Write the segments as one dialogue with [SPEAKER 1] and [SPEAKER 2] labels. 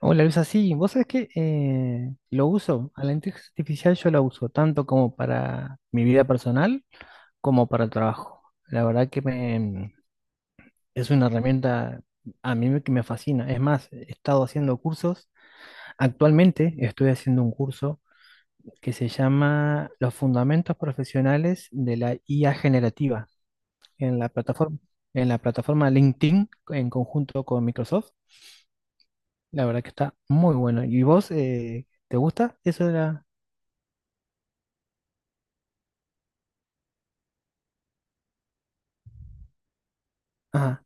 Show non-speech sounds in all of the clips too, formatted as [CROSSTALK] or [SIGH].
[SPEAKER 1] Hola Luisa, sí, vos sabés que lo uso, a la inteligencia artificial yo la uso tanto como para mi vida personal como para el trabajo. La verdad que me, es una herramienta que me fascina. Es más, he estado haciendo cursos. Actualmente estoy haciendo un curso que se llama Los Fundamentos Profesionales de la IA Generativa en la plataforma, en la plataforma LinkedIn en conjunto con Microsoft. La verdad que está muy bueno. ¿Y vos te gusta eso? Ah,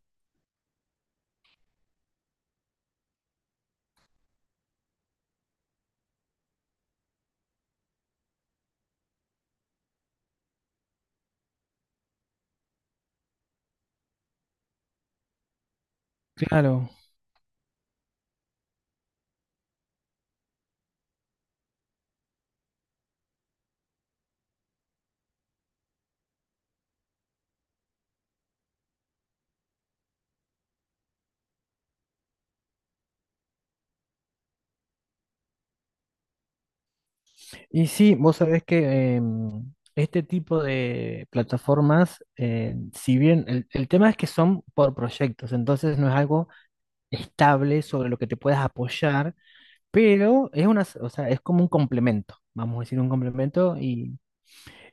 [SPEAKER 1] claro. Y sí, vos sabés que este tipo de plataformas, si bien el tema es que son por proyectos, entonces no es algo estable sobre lo que te puedas apoyar, pero es una, o sea, es como un complemento, vamos a decir un complemento. Y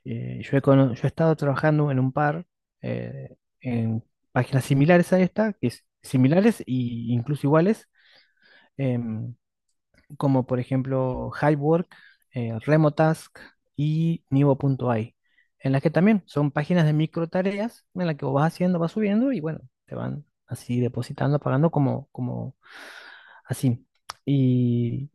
[SPEAKER 1] yo he estado trabajando en un par en páginas similares a esta, que es similares e incluso iguales. em, Como por ejemplo HiveWork, RemoTask y Nivo.ai, en las que también son páginas de micro tareas en las que vos vas haciendo, vas subiendo y bueno, te van así depositando, pagando como, como así. Y,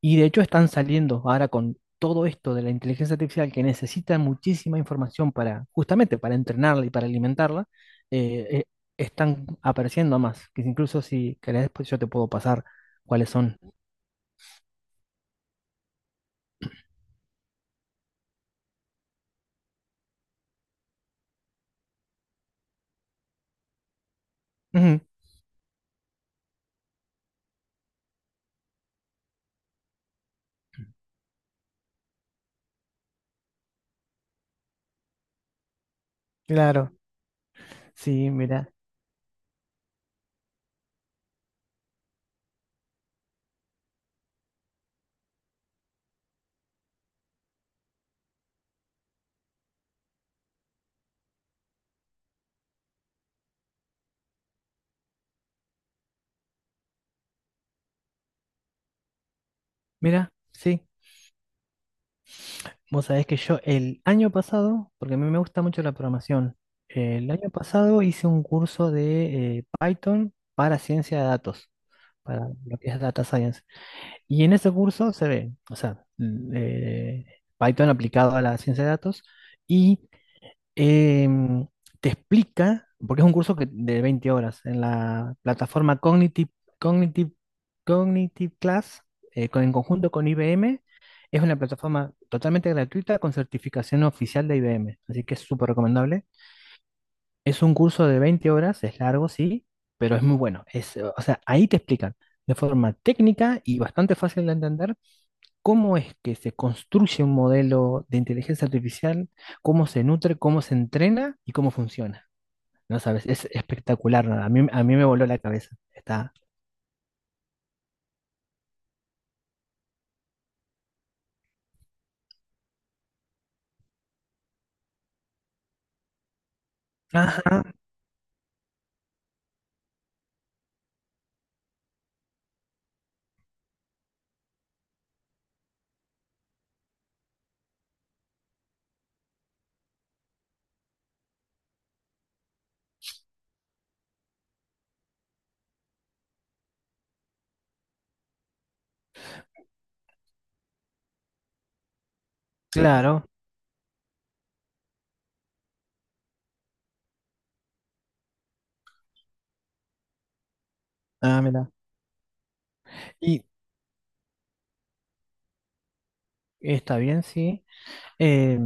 [SPEAKER 1] y de hecho están saliendo ahora con todo esto de la inteligencia artificial que necesita muchísima información para, justamente para entrenarla y para alimentarla, eh, eh, están apareciendo más, que incluso si querés, pues yo te puedo pasar cuáles son. Ujú. Claro. Sí, mira, mira, sí. Vos sabés que yo el año pasado, porque a mí me gusta mucho la programación, el año pasado hice un curso de Python para ciencia de datos, para lo que es Data Science. Y en ese curso se ve, o sea, Python aplicado a la ciencia de datos y em, te explica, porque es un curso que, de 20 horas en la plataforma Cognitive, Cognitive, Cognitive Class, en conjunto con IBM. Es una plataforma totalmente gratuita con certificación oficial de IBM, así que es súper recomendable. Es un curso de 20 horas, es largo, sí, pero es muy bueno. Es, o sea, ahí te explican de forma técnica y bastante fácil de entender cómo es que se construye un modelo de inteligencia artificial, cómo se nutre, cómo se entrena y cómo funciona. No sabes, es espectacular, ¿no? A mí me voló la cabeza. Está. Ajá, claro. Ah, mira. Y está bien, sí. Eh,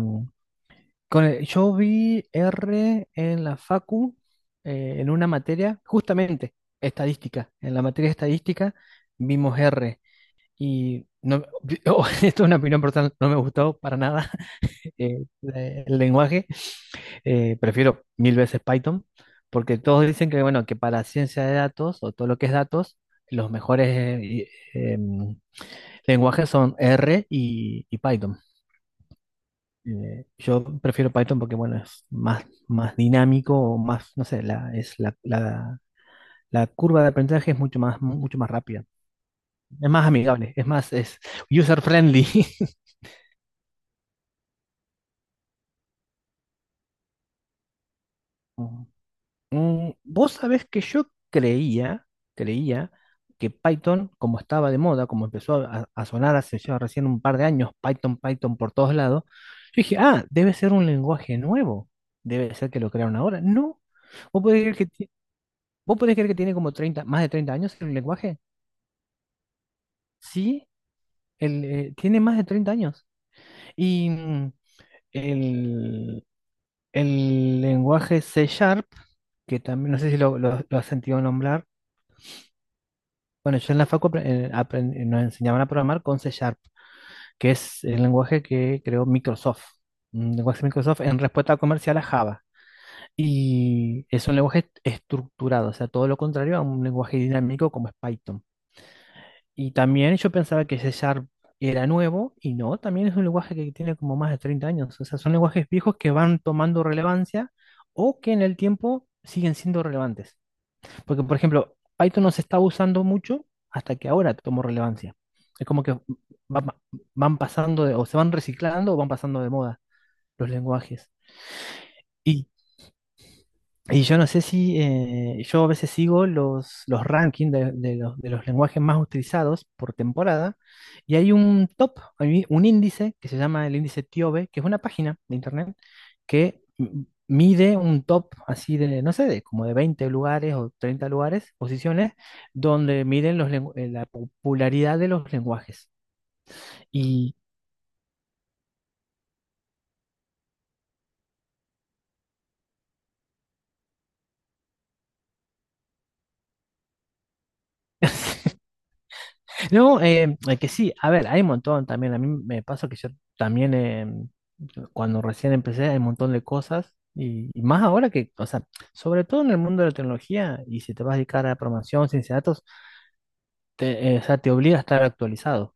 [SPEAKER 1] yo vi R en la Facu, en una materia, justamente estadística. En la materia de estadística vimos R. Y no, [LAUGHS] esto es una opinión personal, no me gustó para nada. eh, el lenguaje, prefiero mil veces Python, porque todos dicen que, bueno, que para ciencia de datos o todo lo que es datos, los mejores em, lenguajes son R y Python. Yo prefiero Python porque, bueno, es más, más dinámico, o más, no sé, la curva de aprendizaje es mucho más rápida. Es más amigable, es más, es user friendly. [LAUGHS] Vos sabés que creía que Python, como estaba de moda, como empezó a sonar hace ya recién un par de años, Python, Python por todos lados, yo dije, ah, debe ser un lenguaje nuevo, debe ser que lo crearon ahora. No, vos podés creer que, ti- vos podés creer que tiene como 30 más de 30 años el lenguaje. Sí, tiene más de 30 años. Y el, el lenguaje C Sharp, que también no sé si lo has sentido nombrar. Bueno, yo en la facu nos enseñaban a programar con C Sharp, que es el lenguaje que creó Microsoft, un lenguaje de Microsoft en respuesta comercial a Java. Y es un lenguaje estructurado, o sea, todo lo contrario a un lenguaje dinámico como es Python. Y también yo pensaba que C Sharp era nuevo, y no, también es un lenguaje que tiene como más de 30 años. O sea, son lenguajes viejos que van tomando relevancia o que en el tiempo siguen siendo relevantes. Porque, por ejemplo, Python no se está usando mucho hasta que ahora tomó relevancia. Es como que van, van pasando o se van reciclando o van pasando de moda los lenguajes. Y yo no sé si, yo a veces sigo los rankings de los lenguajes más utilizados por temporada, y hay un top, hay un índice que se llama el índice TIOBE, que es una página de internet que mide un top así de, no sé, de como de 20 lugares o 30 lugares, posiciones, donde miden los la popularidad de los lenguajes. Y [LAUGHS] No, que sí, a ver, hay un montón también. A mí me pasa que yo también, cuando recién empecé, hay un montón de cosas. Y más ahora que, o sea, sobre todo en el mundo de la tecnología, y si te vas a dedicar a programación, ciencia de datos, o sea, te obliga a estar actualizado,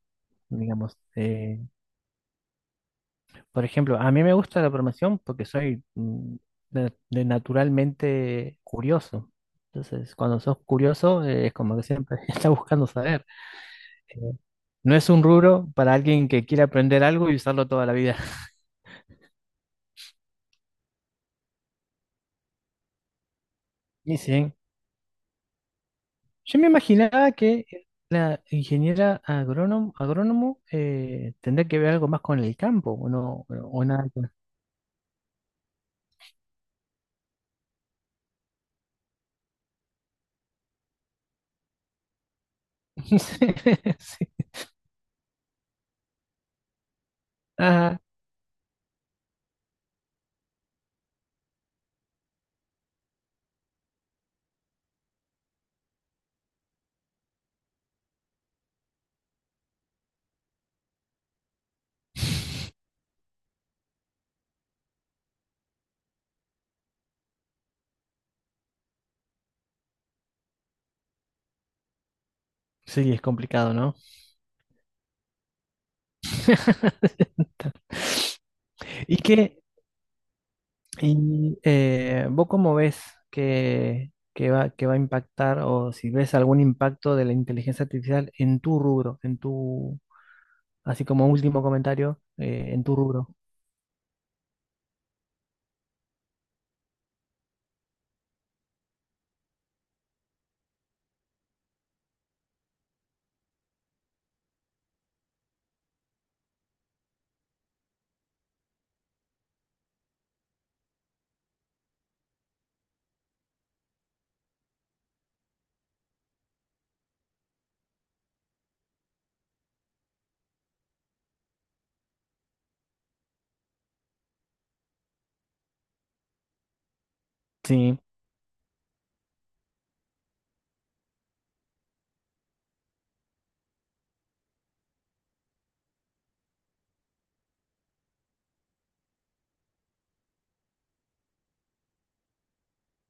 [SPEAKER 1] digamos. Por ejemplo, a mí me gusta la programación porque soy de naturalmente curioso. Entonces, cuando sos curioso, es como que siempre [LAUGHS] estás buscando saber. Eh, No es un rubro para alguien que quiere aprender algo y usarlo toda la vida. [LAUGHS] Y sí, yo me imaginaba que la ingeniera agrónomo tendría que ver algo más con el campo, o no, o nada. Que- [LAUGHS] Sí, sí. Ajá. Sí, es complicado, ¿no? ¿Y qué, vos cómo ves que va a impactar o si ves algún impacto de la inteligencia artificial en tu rubro, en tu, así como último comentario, en tu rubro? Sí.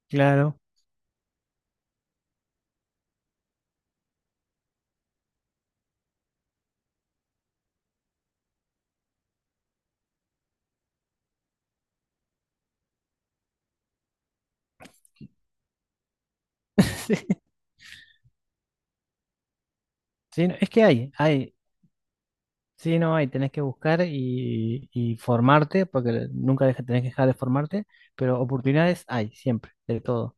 [SPEAKER 1] Claro. [LAUGHS] Sí, sí, no, es que hay, sí, no hay, tenés que buscar y formarte, porque nunca tenés que dejar de formarte, pero oportunidades hay siempre, de todo.